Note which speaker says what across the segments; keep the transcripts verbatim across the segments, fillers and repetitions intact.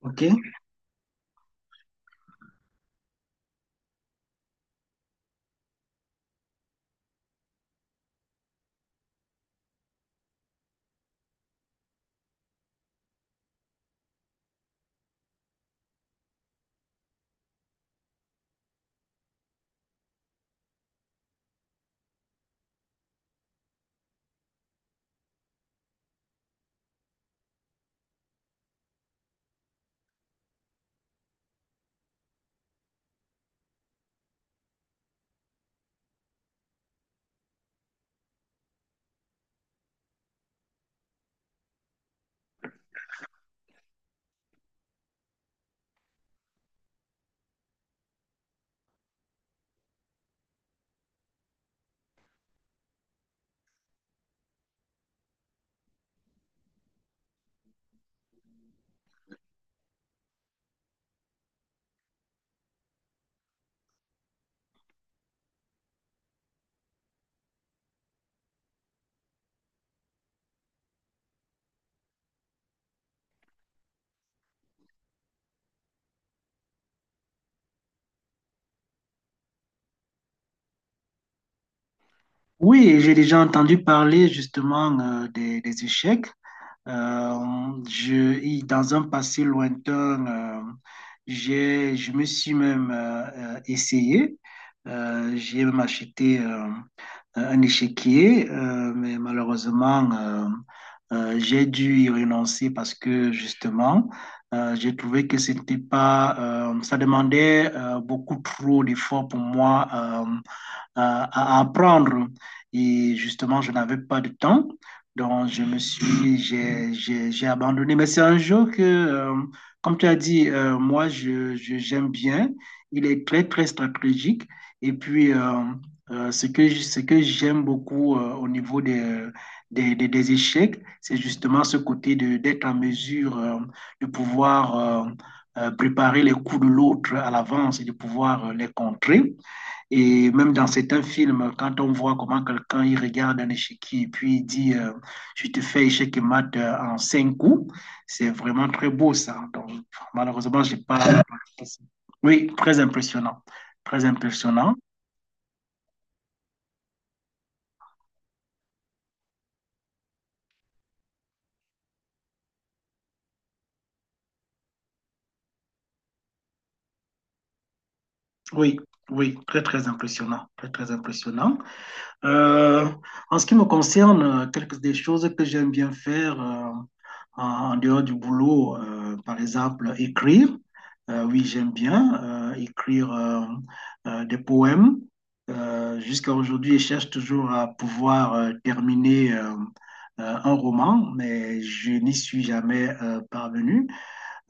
Speaker 1: Ok. Oui, j'ai déjà entendu parler justement euh, des, des échecs. Euh, je, y- dans un passé lointain, euh, j'ai, je me suis même euh, euh, essayé. Euh, j'ai même acheté euh, un échiquier, euh, mais malheureusement, euh, euh, j'ai dû y renoncer parce que justement, euh, j'ai trouvé que c'était pas, euh, ça demandait euh, beaucoup trop d'efforts pour moi euh, à apprendre. Et justement, je n'avais pas de temps. Donc, je me suis, j'ai, j'ai, j'ai abandonné. Mais c'est un jeu que, euh, comme tu as dit, euh, moi, je, je- j'aime bien. Il est très, très stratégique. Et puis, euh, euh, ce que, ce que j'aime beaucoup euh, au niveau des, des, des, des échecs, c'est justement ce côté de, d'être en mesure euh, de pouvoir euh, euh, préparer les coups de l'autre à l'avance et de pouvoir euh, les contrer. Et même dans certains films, quand on voit comment quelqu'un il regarde un échiquier et puis il dit euh, je te fais échec et mat euh, en cinq coups, c'est vraiment très beau ça. Donc, malheureusement, j'ai pas. Oui, très impressionnant. Très impressionnant. Oui, oui, très, très impressionnant. Très, très impressionnant. Euh, En ce qui me concerne, euh, quelques des choses que j'aime bien faire euh, en, en dehors du boulot, euh, par exemple, écrire. Euh, oui, j'aime bien euh, écrire euh, euh, des poèmes. Euh, jusqu'à aujourd'hui, je cherche toujours à pouvoir euh, terminer euh, euh, un roman, mais je n'y suis jamais euh, parvenu.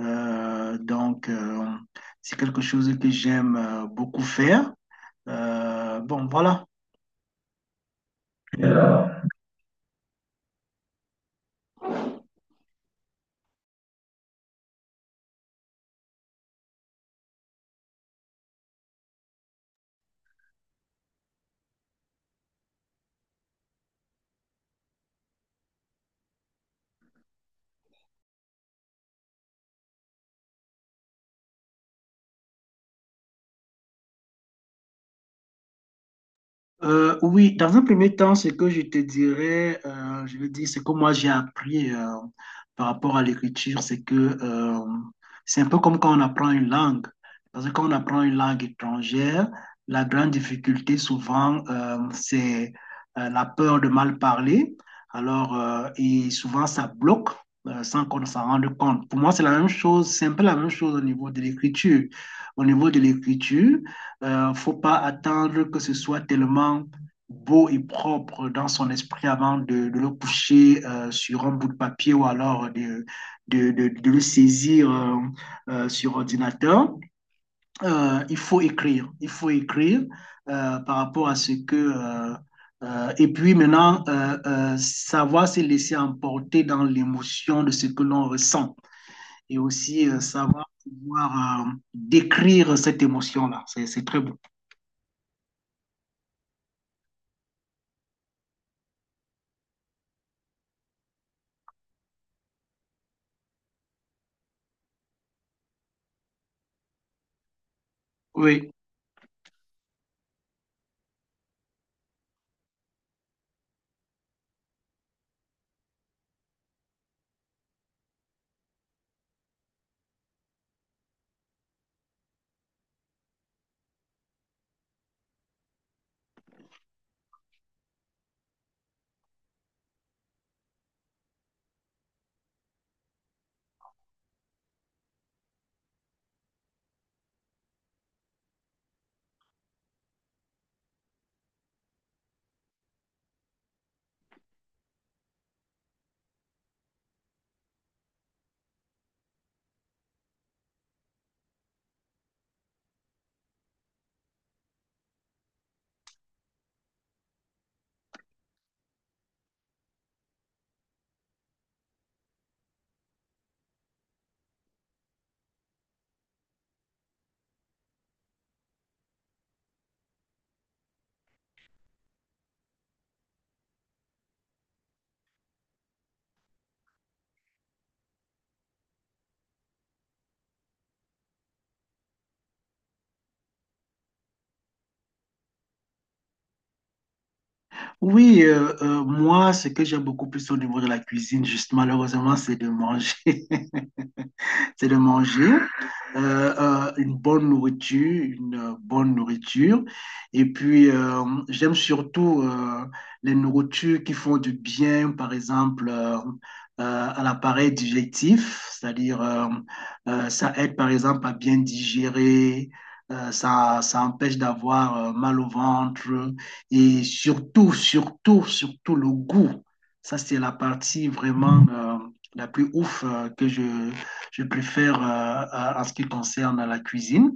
Speaker 1: Euh, donc, euh, c'est quelque chose que j'aime euh, beaucoup faire. Euh, bon, voilà. Euh, oui, dans un premier temps, ce que je te dirais, euh, je veux dire, ce que moi j'ai appris euh, par rapport à l'écriture, c'est que euh, c'est un peu comme quand on apprend une langue. Parce que quand on apprend une langue étrangère, la grande difficulté souvent, euh, c'est euh, la peur de mal parler. Alors, euh, et souvent, ça bloque euh, sans qu'on s'en rende compte. Pour moi, c'est la même chose, c'est un peu la même chose au niveau de l'écriture. Au niveau de l'écriture, euh, faut pas attendre que ce soit tellement beau et propre dans son esprit avant de, de le coucher euh, sur un bout de papier ou alors de, de, de, de le saisir euh, euh, sur ordinateur. Euh, il faut écrire, il faut écrire euh, par rapport à ce que... euh, euh, et puis maintenant, euh, euh, savoir se laisser emporter dans l'émotion de ce que l'on ressent et aussi euh, savoir pouvoir euh, décrire cette émotion-là. C'est, c'est très beau. Oui. Oui, euh, euh, moi, ce que j'aime beaucoup plus au niveau de la cuisine, juste malheureusement, c'est de manger. C'est de manger euh, euh, une bonne nourriture, une euh, bonne nourriture. Et puis, euh, j'aime surtout euh, les nourritures qui font du bien, par exemple, euh, euh, à l'appareil digestif, c'est-à-dire euh, euh, ça aide, par exemple, à bien digérer. euh, Ça, ça empêche d'avoir euh, mal au ventre et surtout, surtout, surtout le goût. Ça, c'est la partie vraiment euh, la plus ouf euh, que je, je préfère euh, en ce qui concerne la cuisine.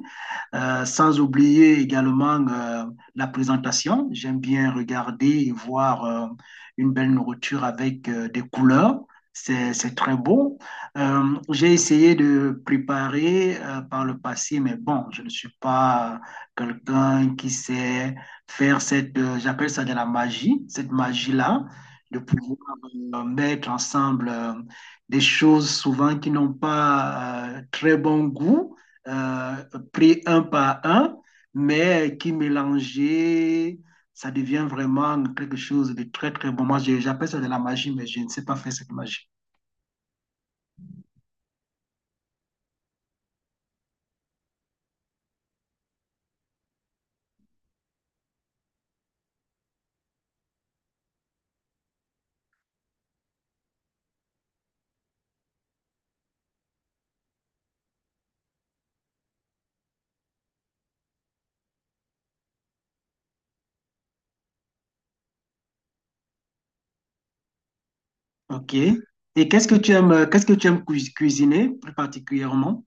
Speaker 1: Euh, sans oublier également euh, la présentation. J'aime bien regarder et voir euh, une belle nourriture avec euh, des couleurs. C'est, c'est très beau. Euh, j'ai essayé de préparer euh, par le passé, mais bon, je ne suis pas quelqu'un qui sait faire cette, euh, j'appelle ça de la magie, cette magie-là, de pouvoir euh, mettre ensemble euh, des choses souvent qui n'ont pas euh, très bon goût euh, pris un par un, mais qui mélangeait, ça devient vraiment quelque chose de très, très bon. Moi, je- j'appelle ça de la magie, mais je ne sais pas faire cette magie. OK. Et qu'est-ce que tu aimes, euh, qu'est-ce que tu aimes cuis- cuisiner plus particulièrement?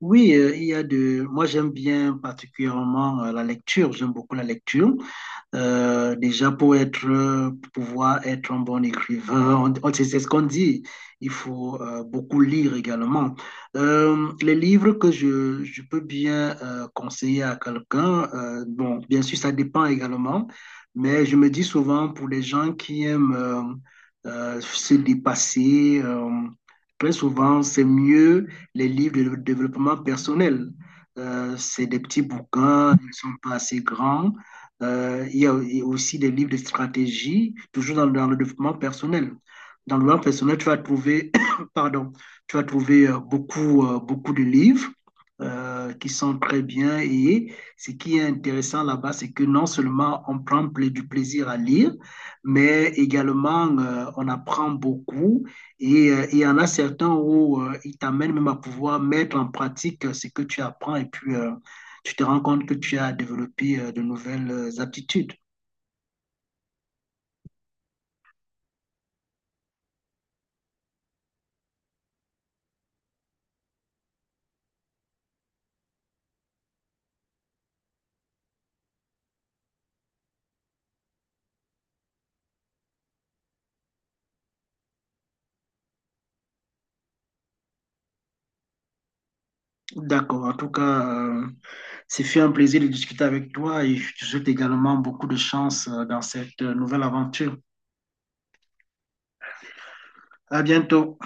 Speaker 1: Oui, euh, il y a de. Moi, j'aime bien particulièrement euh, la lecture. J'aime beaucoup la lecture. Euh, déjà pour être, euh, pour pouvoir être un bon écrivain, on- on- c'est c'est ce qu'on dit. Il faut euh, beaucoup lire également. Euh, les livres que je, je peux bien euh, conseiller à quelqu'un, euh, bon, bien sûr, ça dépend également, mais je me dis souvent pour les gens qui aiment euh, euh, se dépasser, euh, très souvent, c'est mieux les livres de développement personnel. Euh, c'est des petits bouquins, ils ne sont pas assez grands. Euh, il, y a aussi des livres de stratégie, toujours dans, dans le développement personnel. Dans le développement personnel, tu vas trouver, pardon, tu vas trouver euh, beaucoup, euh, beaucoup de livres euh, qui sont très bien. Et ce qui est intéressant là-bas, c'est que non seulement on prend du plaisir à lire, mais également euh, on apprend beaucoup et euh, il y en a certains où euh, ils t'amènent même à pouvoir mettre en pratique euh, ce que tu apprends et puis euh, tu te rends compte que tu as développé euh, de nouvelles euh, aptitudes. D'accord. En tout cas, euh, c'est fait un plaisir de discuter avec toi et je te souhaite également beaucoup de chance euh, dans cette euh, nouvelle aventure. À bientôt.